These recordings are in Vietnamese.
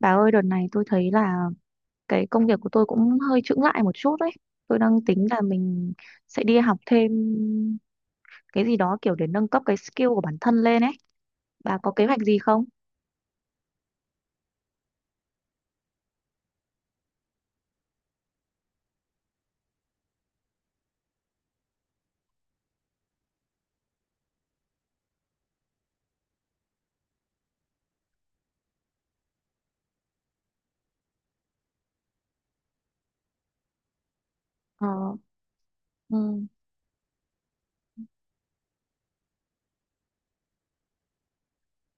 Bà ơi, đợt này tôi thấy là cái công việc của tôi cũng hơi chững lại một chút đấy. Tôi đang tính là mình sẽ đi học thêm cái gì đó kiểu để nâng cấp cái skill của bản thân lên ấy. Bà có kế hoạch gì không? Ờ, ừ,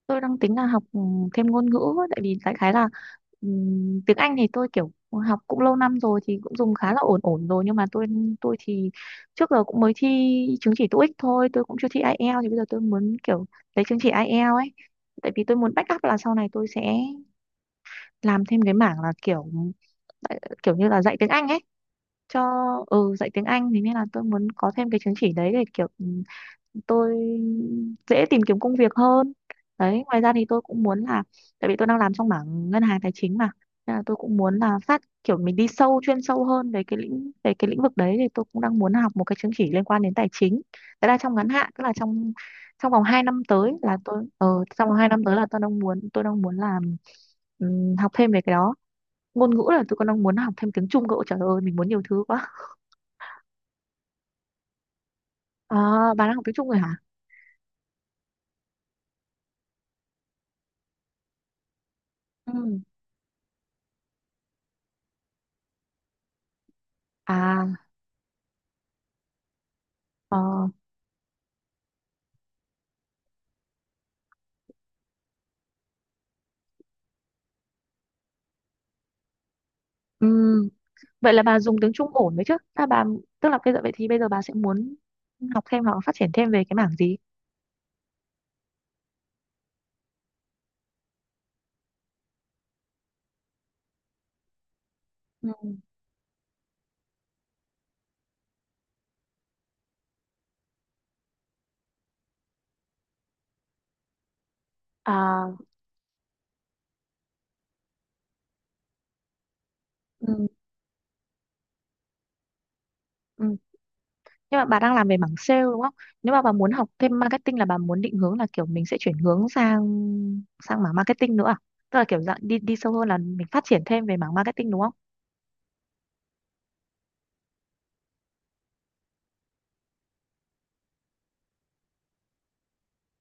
tôi đang tính là học thêm ngôn ngữ ấy, tại vì đại khái là ừ, tiếng Anh thì tôi kiểu học cũng lâu năm rồi thì cũng dùng khá là ổn ổn rồi, nhưng mà tôi thì trước giờ cũng mới thi chứng chỉ TOEIC thôi, tôi cũng chưa thi IELTS, thì bây giờ tôi muốn kiểu lấy chứng chỉ IELTS ấy. Tại vì tôi muốn backup là sau này tôi sẽ làm thêm cái mảng là kiểu kiểu như là dạy tiếng Anh ấy, cho ừ dạy tiếng Anh thì nên là tôi muốn có thêm cái chứng chỉ đấy để kiểu tôi dễ tìm kiếm công việc hơn. Đấy, ngoài ra thì tôi cũng muốn là, tại vì tôi đang làm trong mảng ngân hàng tài chính mà, nên là tôi cũng muốn là kiểu mình đi sâu chuyên sâu hơn về cái lĩnh vực đấy, thì tôi cũng đang muốn học một cái chứng chỉ liên quan đến tài chính. Đấy là trong ngắn hạn, tức là trong trong vòng 2 năm tới là tôi ờ trong vòng 2 năm tới là tôi đang muốn làm, học thêm về cái đó. Ngôn ngữ là tôi còn đang muốn học thêm tiếng Trung cậu. Trời ơi, mình muốn nhiều thứ quá. À, bà đang học tiếng Trung rồi hả? Ừ. À, ờ, ừm. Vậy là bà dùng tiếng Trung ổn đấy chứ? À, bà, tức là bây giờ, vậy thì bây giờ bà sẽ muốn học thêm hoặc phát triển thêm về cái mảng gì? Ừ. À. Ừ. Ừ. Nhưng mà bà đang làm về mảng sale đúng không? Nếu mà bà muốn học thêm marketing là bà muốn định hướng là kiểu mình sẽ chuyển hướng sang sang mảng marketing nữa à? Tức là kiểu dạng đi đi sâu hơn là mình phát triển thêm về mảng marketing đúng không?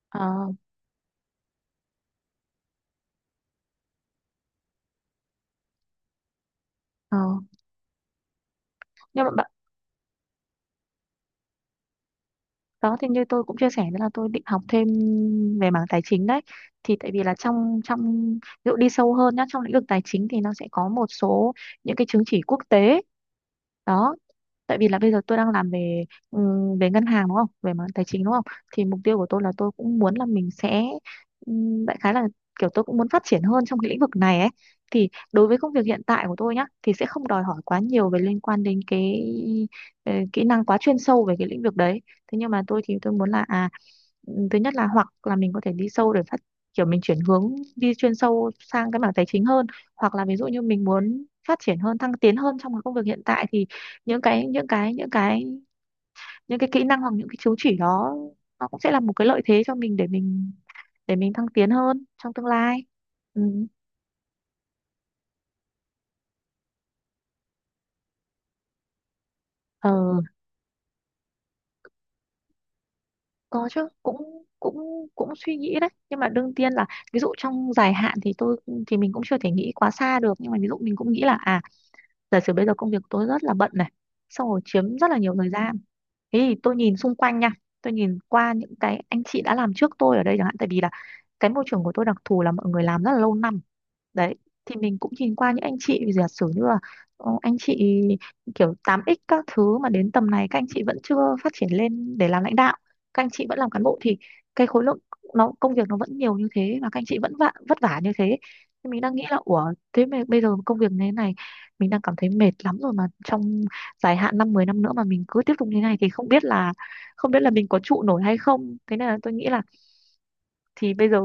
Ờ, ờ. Nhưng mà bà, đó thì như tôi cũng chia sẻ đó là tôi định học thêm về mảng tài chính đấy, thì tại vì là trong trong ví dụ đi sâu hơn nhá, trong lĩnh vực tài chính thì nó sẽ có một số những cái chứng chỉ quốc tế đó. Tại vì là bây giờ tôi đang làm về về ngân hàng đúng không, về mảng tài chính đúng không, thì mục tiêu của tôi là tôi cũng muốn là mình sẽ, đại khái là kiểu tôi cũng muốn phát triển hơn trong cái lĩnh vực này ấy. Thì đối với công việc hiện tại của tôi nhá thì sẽ không đòi hỏi quá nhiều về liên quan đến cái kỹ năng quá chuyên sâu về cái lĩnh vực đấy. Thế nhưng mà tôi thì tôi muốn là à, thứ nhất là hoặc là mình có thể đi sâu để kiểu mình chuyển hướng đi chuyên sâu sang cái mảng tài chính hơn, hoặc là ví dụ như mình muốn phát triển hơn thăng tiến hơn trong cái công việc hiện tại, thì những cái những cái những cái những cái kỹ năng hoặc những cái chứng chỉ đó nó cũng sẽ là một cái lợi thế cho mình để mình thăng tiến hơn trong tương lai. Ừ. Ờ, có chứ, cũng cũng cũng suy nghĩ đấy, nhưng mà đương nhiên là, ví dụ trong dài hạn thì tôi thì mình cũng chưa thể nghĩ quá xa được, nhưng mà ví dụ mình cũng nghĩ là à, giả sử bây giờ công việc của tôi rất là bận này, xong rồi chiếm rất là nhiều thời gian, thế thì tôi nhìn xung quanh nha, tôi nhìn qua những cái anh chị đã làm trước tôi ở đây chẳng hạn, tại vì là cái môi trường của tôi đặc thù là mọi người làm rất là lâu năm đấy. Thì mình cũng nhìn qua những anh chị, giả sử như là anh chị kiểu tám x các thứ, mà đến tầm này các anh chị vẫn chưa phát triển lên để làm lãnh đạo, các anh chị vẫn làm cán bộ, thì cái khối lượng nó công việc nó vẫn nhiều như thế và các anh chị vẫn vất vả như thế, thì mình đang nghĩ là ủa thế mà bây giờ công việc như thế này mình đang cảm thấy mệt lắm rồi, mà trong dài hạn 5-10 năm nữa mà mình cứ tiếp tục như thế này thì không biết là mình có trụ nổi hay không. Thế nên là tôi nghĩ là thì bây giờ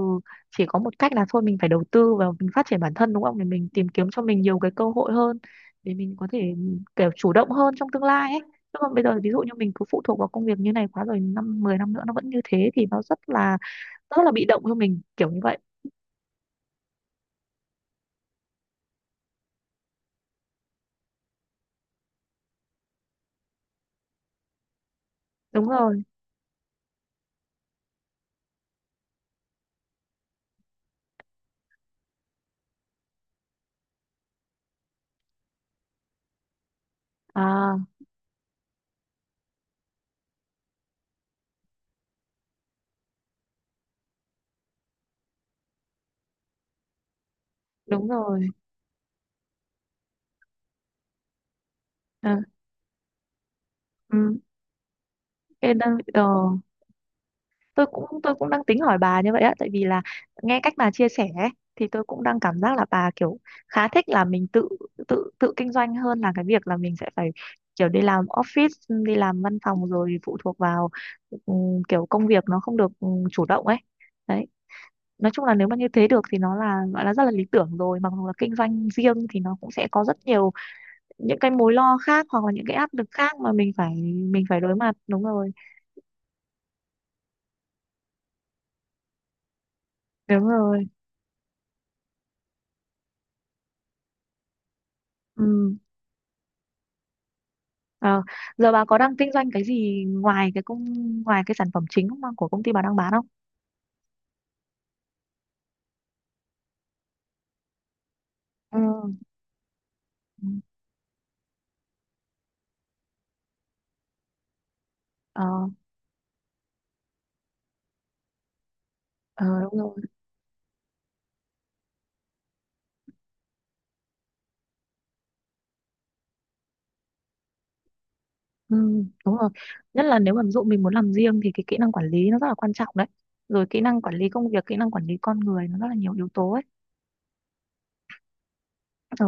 chỉ có một cách là thôi mình phải đầu tư vào mình phát triển bản thân đúng không, để mình tìm kiếm cho mình nhiều cái cơ hội hơn, để mình có thể kiểu chủ động hơn trong tương lai ấy. Chứ còn bây giờ ví dụ như mình cứ phụ thuộc vào công việc như này quá, rồi 5-10 năm nữa nó vẫn như thế thì nó rất là bị động cho mình kiểu như vậy. Đúng rồi. À, đúng rồi. À, ừ. Cái đó- ờ. Tôi cũng đang tính hỏi bà như vậy á, tại vì là nghe cách bà chia sẻ ấy, thì tôi cũng đang cảm giác là bà kiểu khá thích là mình tự tự tự kinh doanh hơn là cái việc là mình sẽ phải kiểu đi làm office, đi làm văn phòng rồi phụ thuộc vào, kiểu công việc nó không được chủ động ấy. Đấy, nói chung là nếu mà như thế được thì nó là gọi là rất là lý tưởng rồi, mặc dù là kinh doanh riêng thì nó cũng sẽ có rất nhiều những cái mối lo khác hoặc là những cái áp lực khác mà mình phải đối mặt. Đúng rồi. Đúng rồi. Ừ. Ờ, giờ bà có đang kinh doanh cái gì ngoài cái công ngoài cái sản phẩm chính không, của công ty bà đang bán không? Ừ. Ừ. Ờ. Ờ, đúng rồi. Ừ, đúng rồi. Nhất là nếu mà ví dụ mình muốn làm riêng thì cái kỹ năng quản lý nó rất là quan trọng đấy. Rồi kỹ năng quản lý công việc, kỹ năng quản lý con người, nó rất là nhiều yếu tố ấy. Ờ,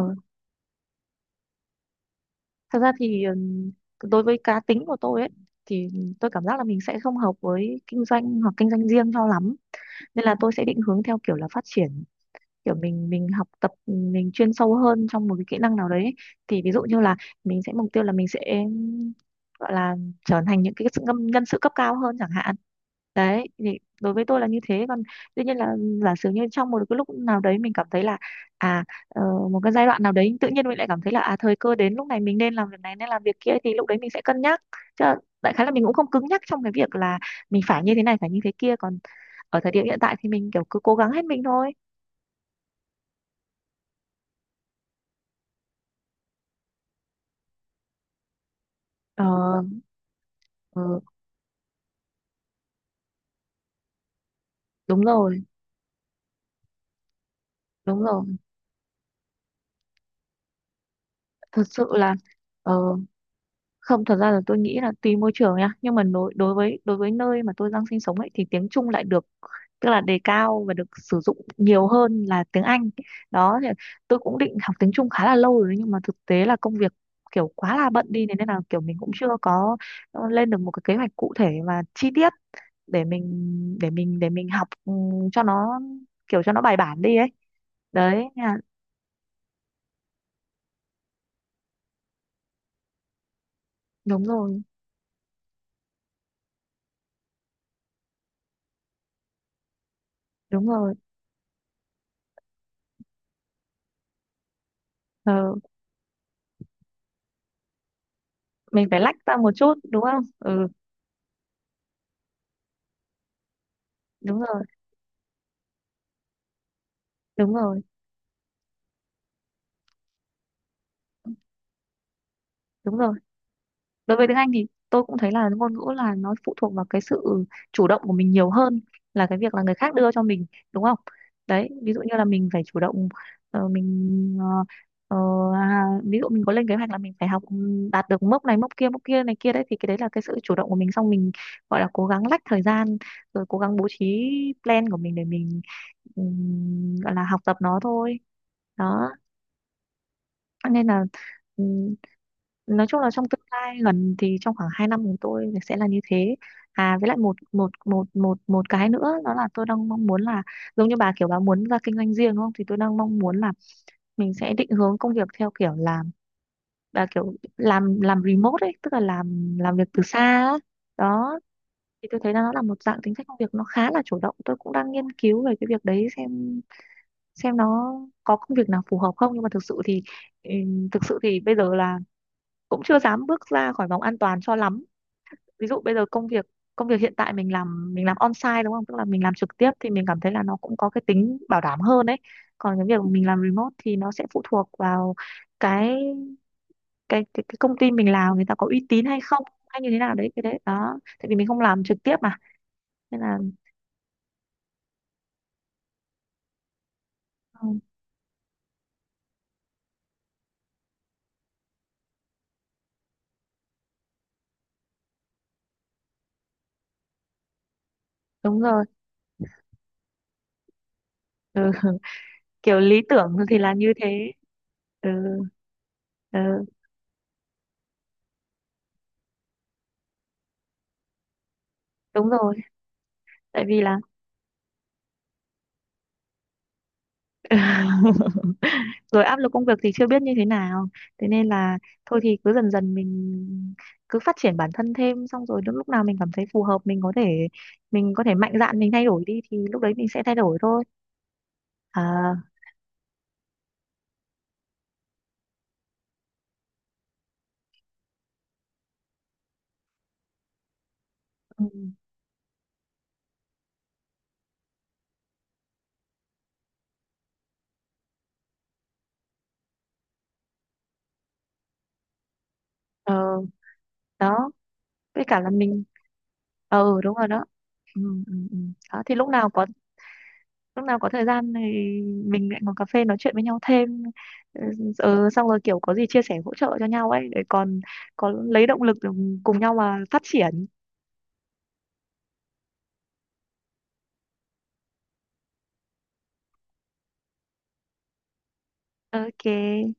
thật ra thì đối với cá tính của tôi ấy thì tôi cảm giác là mình sẽ không hợp với kinh doanh hoặc kinh doanh riêng cho lắm. Nên là tôi sẽ định hướng theo kiểu là phát triển, kiểu mình học tập mình chuyên sâu hơn trong một cái kỹ năng nào đấy ấy. Thì ví dụ như là mình sẽ mục tiêu là mình sẽ gọi là trở thành những cái nhân sự cấp cao hơn chẳng hạn. Đấy thì đối với tôi là như thế. Còn tuy nhiên là giả sử như trong một cái lúc nào đấy mình cảm thấy là à, ờ, một cái giai đoạn nào đấy tự nhiên mình lại cảm thấy là à, thời cơ đến, lúc này mình nên làm việc này nên làm việc kia, thì lúc đấy mình sẽ cân nhắc, chứ đại khái là mình cũng không cứng nhắc trong cái việc là mình phải như thế này phải như thế kia. Còn ở thời điểm hiện tại thì mình kiểu cứ cố gắng hết mình thôi. Ờ. Ừ. Đúng rồi. Đúng rồi. Thật sự là, ờ, không, thật ra là tôi nghĩ là tùy môi trường nha, nhưng mà đối đối với nơi mà tôi đang sinh sống ấy thì tiếng Trung lại được, tức là đề cao và được sử dụng nhiều hơn là tiếng Anh. Đó thì tôi cũng định học tiếng Trung khá là lâu rồi đấy, nhưng mà thực tế là công việc kiểu quá là bận đi, thế nên là kiểu mình cũng chưa có lên được một cái kế hoạch cụ thể và chi tiết để mình học, cho nó kiểu cho nó bài bản đi ấy. Đấy nha. Đúng rồi. Đúng rồi. Ờ, mình phải lách ra một chút đúng không. Ừ, đúng rồi. Đúng rồi. Đúng rồi. Đối với tiếng Anh thì tôi cũng thấy là ngôn ngữ là nó phụ thuộc vào cái sự chủ động của mình nhiều hơn là cái việc là người khác đưa cho mình đúng không. Đấy, ví dụ như là mình phải chủ động, ờ, mình ờ, ờ, à, ví dụ mình có lên kế hoạch là mình phải học, đạt được mốc này mốc kia này kia đấy, thì cái đấy là cái sự chủ động của mình, xong mình gọi là cố gắng lách thời gian, rồi cố gắng bố trí plan của mình để mình, ừ, gọi là học tập nó thôi. Đó nên là, ừm, nói chung là trong tương lai gần thì trong khoảng 2 năm của tôi sẽ là như thế. À, với lại một một một một một cái nữa đó là tôi đang mong muốn là giống như bà kiểu bà muốn ra kinh doanh riêng đúng không, thì tôi đang mong muốn là mình sẽ định hướng công việc theo kiểu là bà kiểu làm remote ấy, tức là làm việc từ xa á. Đó thì tôi thấy là nó là một dạng tính cách công việc nó khá là chủ động, tôi cũng đang nghiên cứu về cái việc đấy xem, nó có công việc nào phù hợp không, nhưng mà ừ, thực sự thì bây giờ là cũng chưa dám bước ra khỏi vòng an toàn cho lắm. Ví dụ bây giờ công việc hiện tại mình làm on-site đúng không, tức là mình làm trực tiếp thì mình cảm thấy là nó cũng có cái tính bảo đảm hơn đấy. Còn cái việc mình làm remote thì nó sẽ phụ thuộc vào cái cái công ty mình làm người ta có uy tín hay không, hay như thế nào đấy, cái đấy đó, tại vì mình không làm trực tiếp mà. Nên là, ừ, đúng rồi. Ừ. Kiểu lý tưởng thì là như thế. Ừ, ừ, đúng rồi, tại vì là rồi áp lực công việc thì chưa biết như thế nào. Thế nên là thôi thì cứ dần dần mình cứ phát triển bản thân thêm, xong rồi đến lúc nào mình cảm thấy phù hợp mình có thể mạnh dạn mình thay đổi đi, thì lúc đấy mình sẽ thay đổi thôi. À. Ừ. Ờ. Đó, với cả là mình. Ờ. Ừ, đúng rồi đó. Ừ, ừ, ừ. Đó thì lúc nào có thời gian thì mình lại ngồi cà phê nói chuyện với nhau thêm. Ừ. Ờ, xong rồi kiểu có gì chia sẻ hỗ trợ cho nhau ấy, để còn có lấy động lực để cùng nhau mà phát triển. Ok.